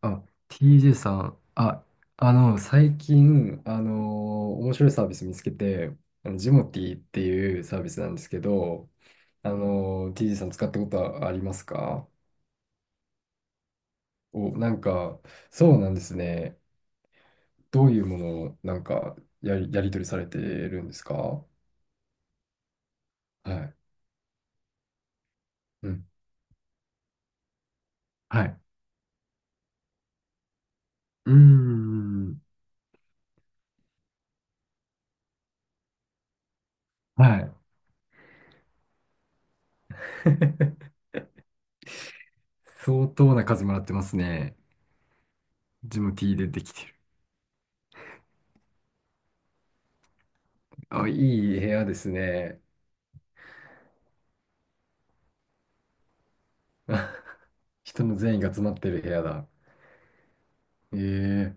あ、TJ さん。あ、最近、面白いサービス見つけて、ジモティっていうサービスなんですけど、TJ さん使ったことはありますか？お、なんか、そうなんですね。どういうものを、なんか、やり取りされてるんですか？はい。うん。はい。うーん。はい。相当な数もらってますね。ジム T でできてる。あ、いい部屋ですね。人の善意が詰まってる部屋だ。ええ。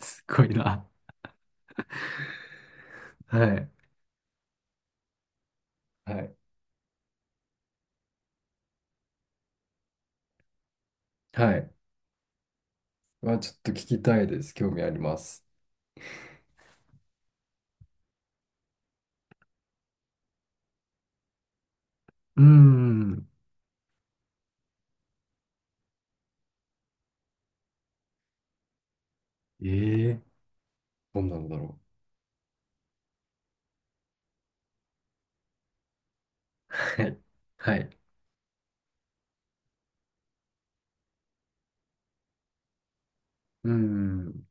すごいな。はい。はい。はい。ちょっと聞きたいです。興味あります。うーん。ええ。どんなのだろう。はい。はい。うーん。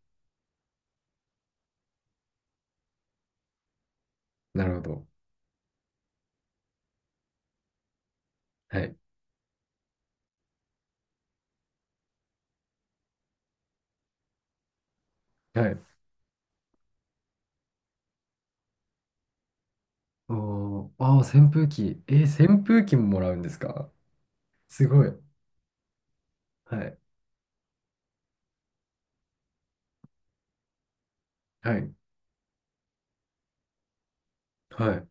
なるほど。はい。はい。おー、あー、扇風機。えー、扇風機ももらうんですか？すごい。はい。はい。はい。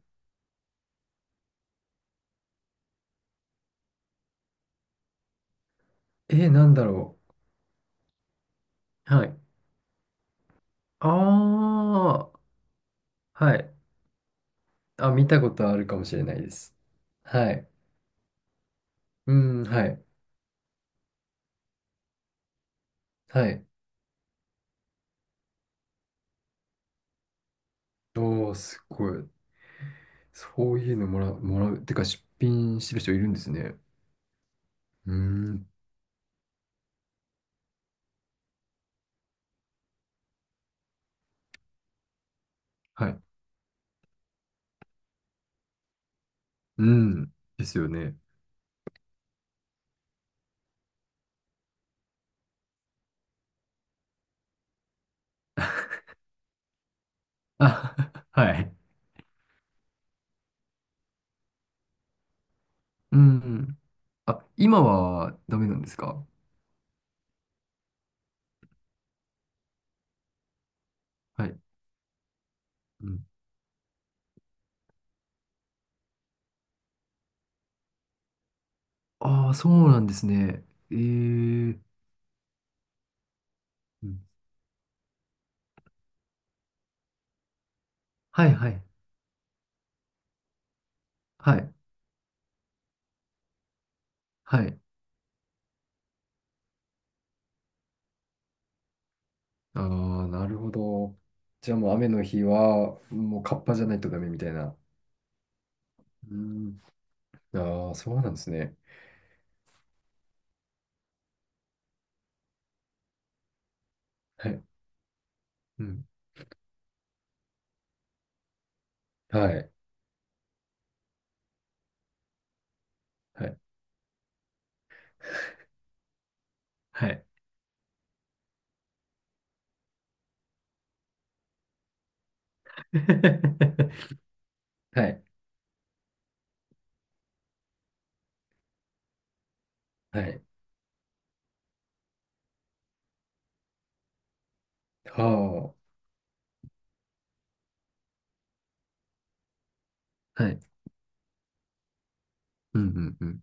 なんだろう。はい。ああ、はい。あ、見たことあるかもしれないです。はい。うん、はい。はい。おあ、すごい。そういうのもらう、もらう。てか、出品してる人いるんですね。うーん。はい。うん。ですよね。あ、はい。うん。あ、今はダメなんですか？はい。うん。ああ、そうなんですね。ええー。うん。はいはい。はい。はい。ああ、なるほど。じゃあもう雨の日は、もうカッパじゃないとダメみたいな。うん。ああ、そうなんですね。はい。うん。はい。はい。はい。はい。はい。はあ。はい。うんうん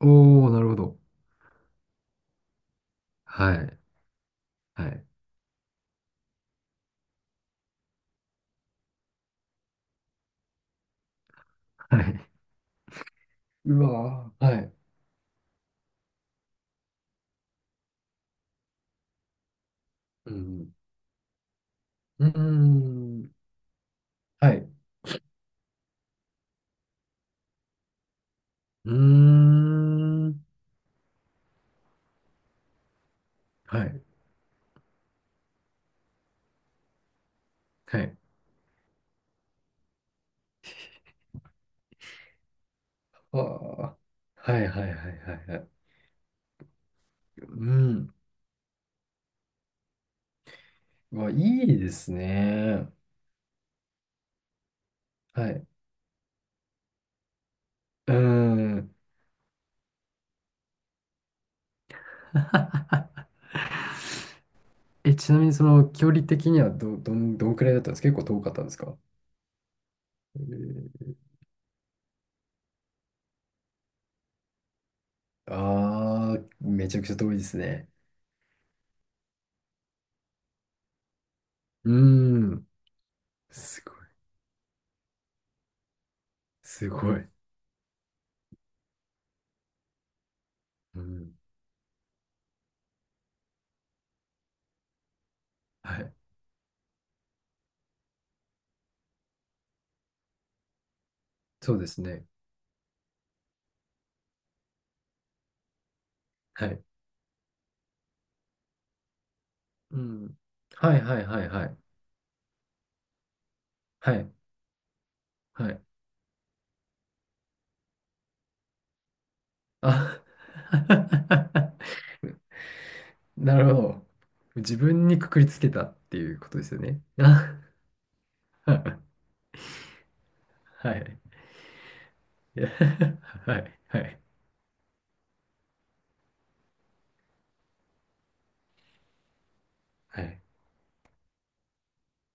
うん。おー、なるほど。はい。はい。はい。うわー。はい。うん。うーん。はい。うーん。はい。はい。はあ。はいはいはいはいはい。うん。うわ、いいですね。はい。うーん。え、ちなみにその距離的にはどんくらいだったんですか？結構遠かったんですか？あーああ、めちゃくちゃ遠いですね。うーん。すごい。すごい。うん。はい。そうですね。はい。うん。はいはいはいはい。はい。はい。あ なるほど。自分にくくりつけたっていうことですよね。あ はい。いや はい。はい。はい。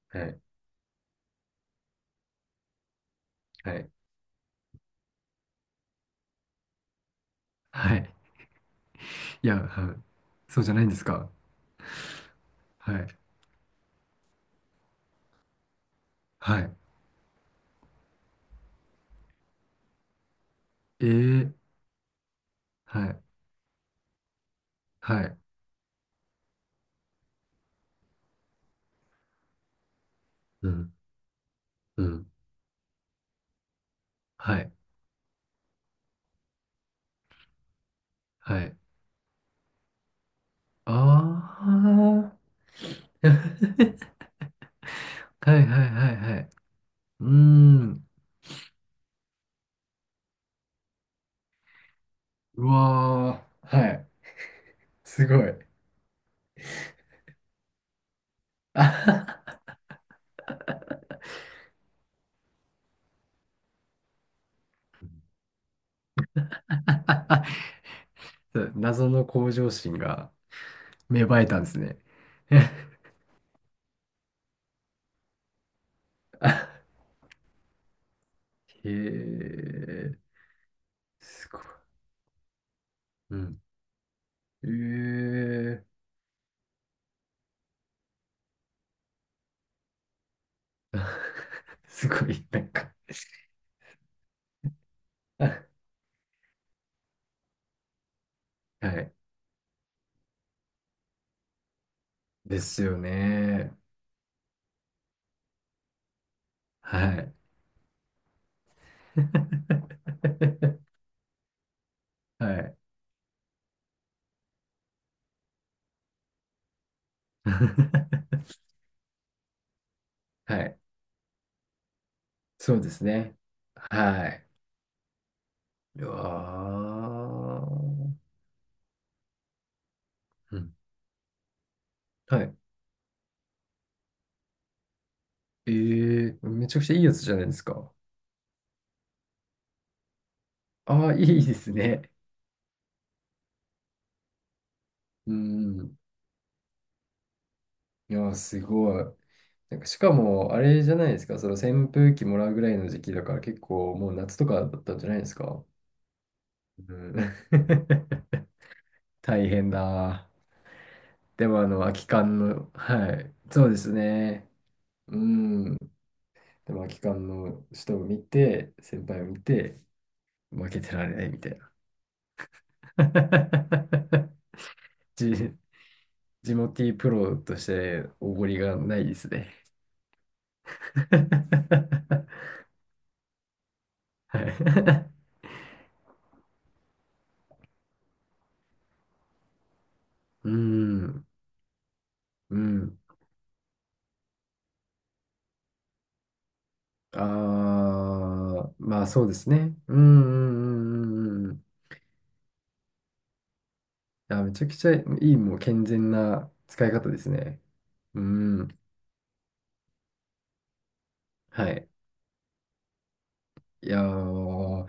はい。はい。はい。いや、はい。そうじゃないんですか？はい。はい。えー。はい。はい。うん。うん。はい。はい。ああ。はいはいはいはい。うーん。うわー。はい。すごい。謎の向上心が芽生えたんですね。へえ。すごい。うん。ええ。すごい、なんか はい。ですよね。はい。はい。はい。そうですね。はい。うわー。うん。はい。ええー。めちゃくちゃいいやつじゃないですか？ああ、いいですね。うん。いやー、すごい。なんか、しかも、あれじゃないですか。その扇風機もらうぐらいの時期だから、結構もう夏とかだったんじゃないですか？うん。大変だ。でも、空き缶の、はい。そうですね。うん。でも、空き缶の人を見て、先輩を見て、負けてられないみたいな。じジモティープロとしておごりがないですね。はい。うん、うん。ああ、まあそうですね。うん、うん、うん、うんうん。あ、めちゃくちゃいい、もう健全な使い方ですね。うん、はい。いやー、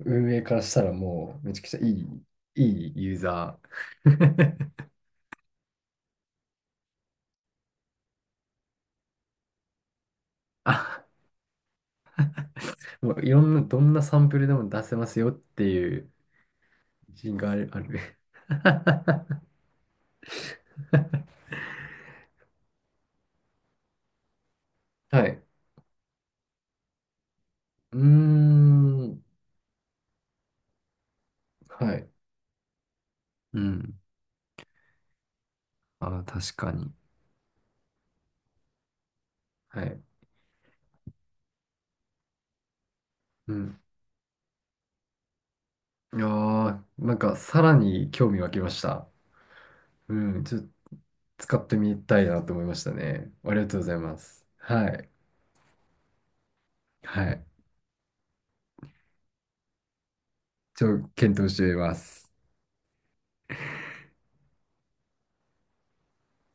運営からしたらもうめちゃくちゃいい、いいユーザー。あ、もういろんな、どんなサンプルでも出せますよっていう自信がある、ある。はい。うーん。はい。うん。ああ、確かに。はい。うん。いやー、なんかさらに興味湧きました。うん。ちょっと使ってみたいなと思いましたね。ありがとうございます。はい。はい。検討してみます。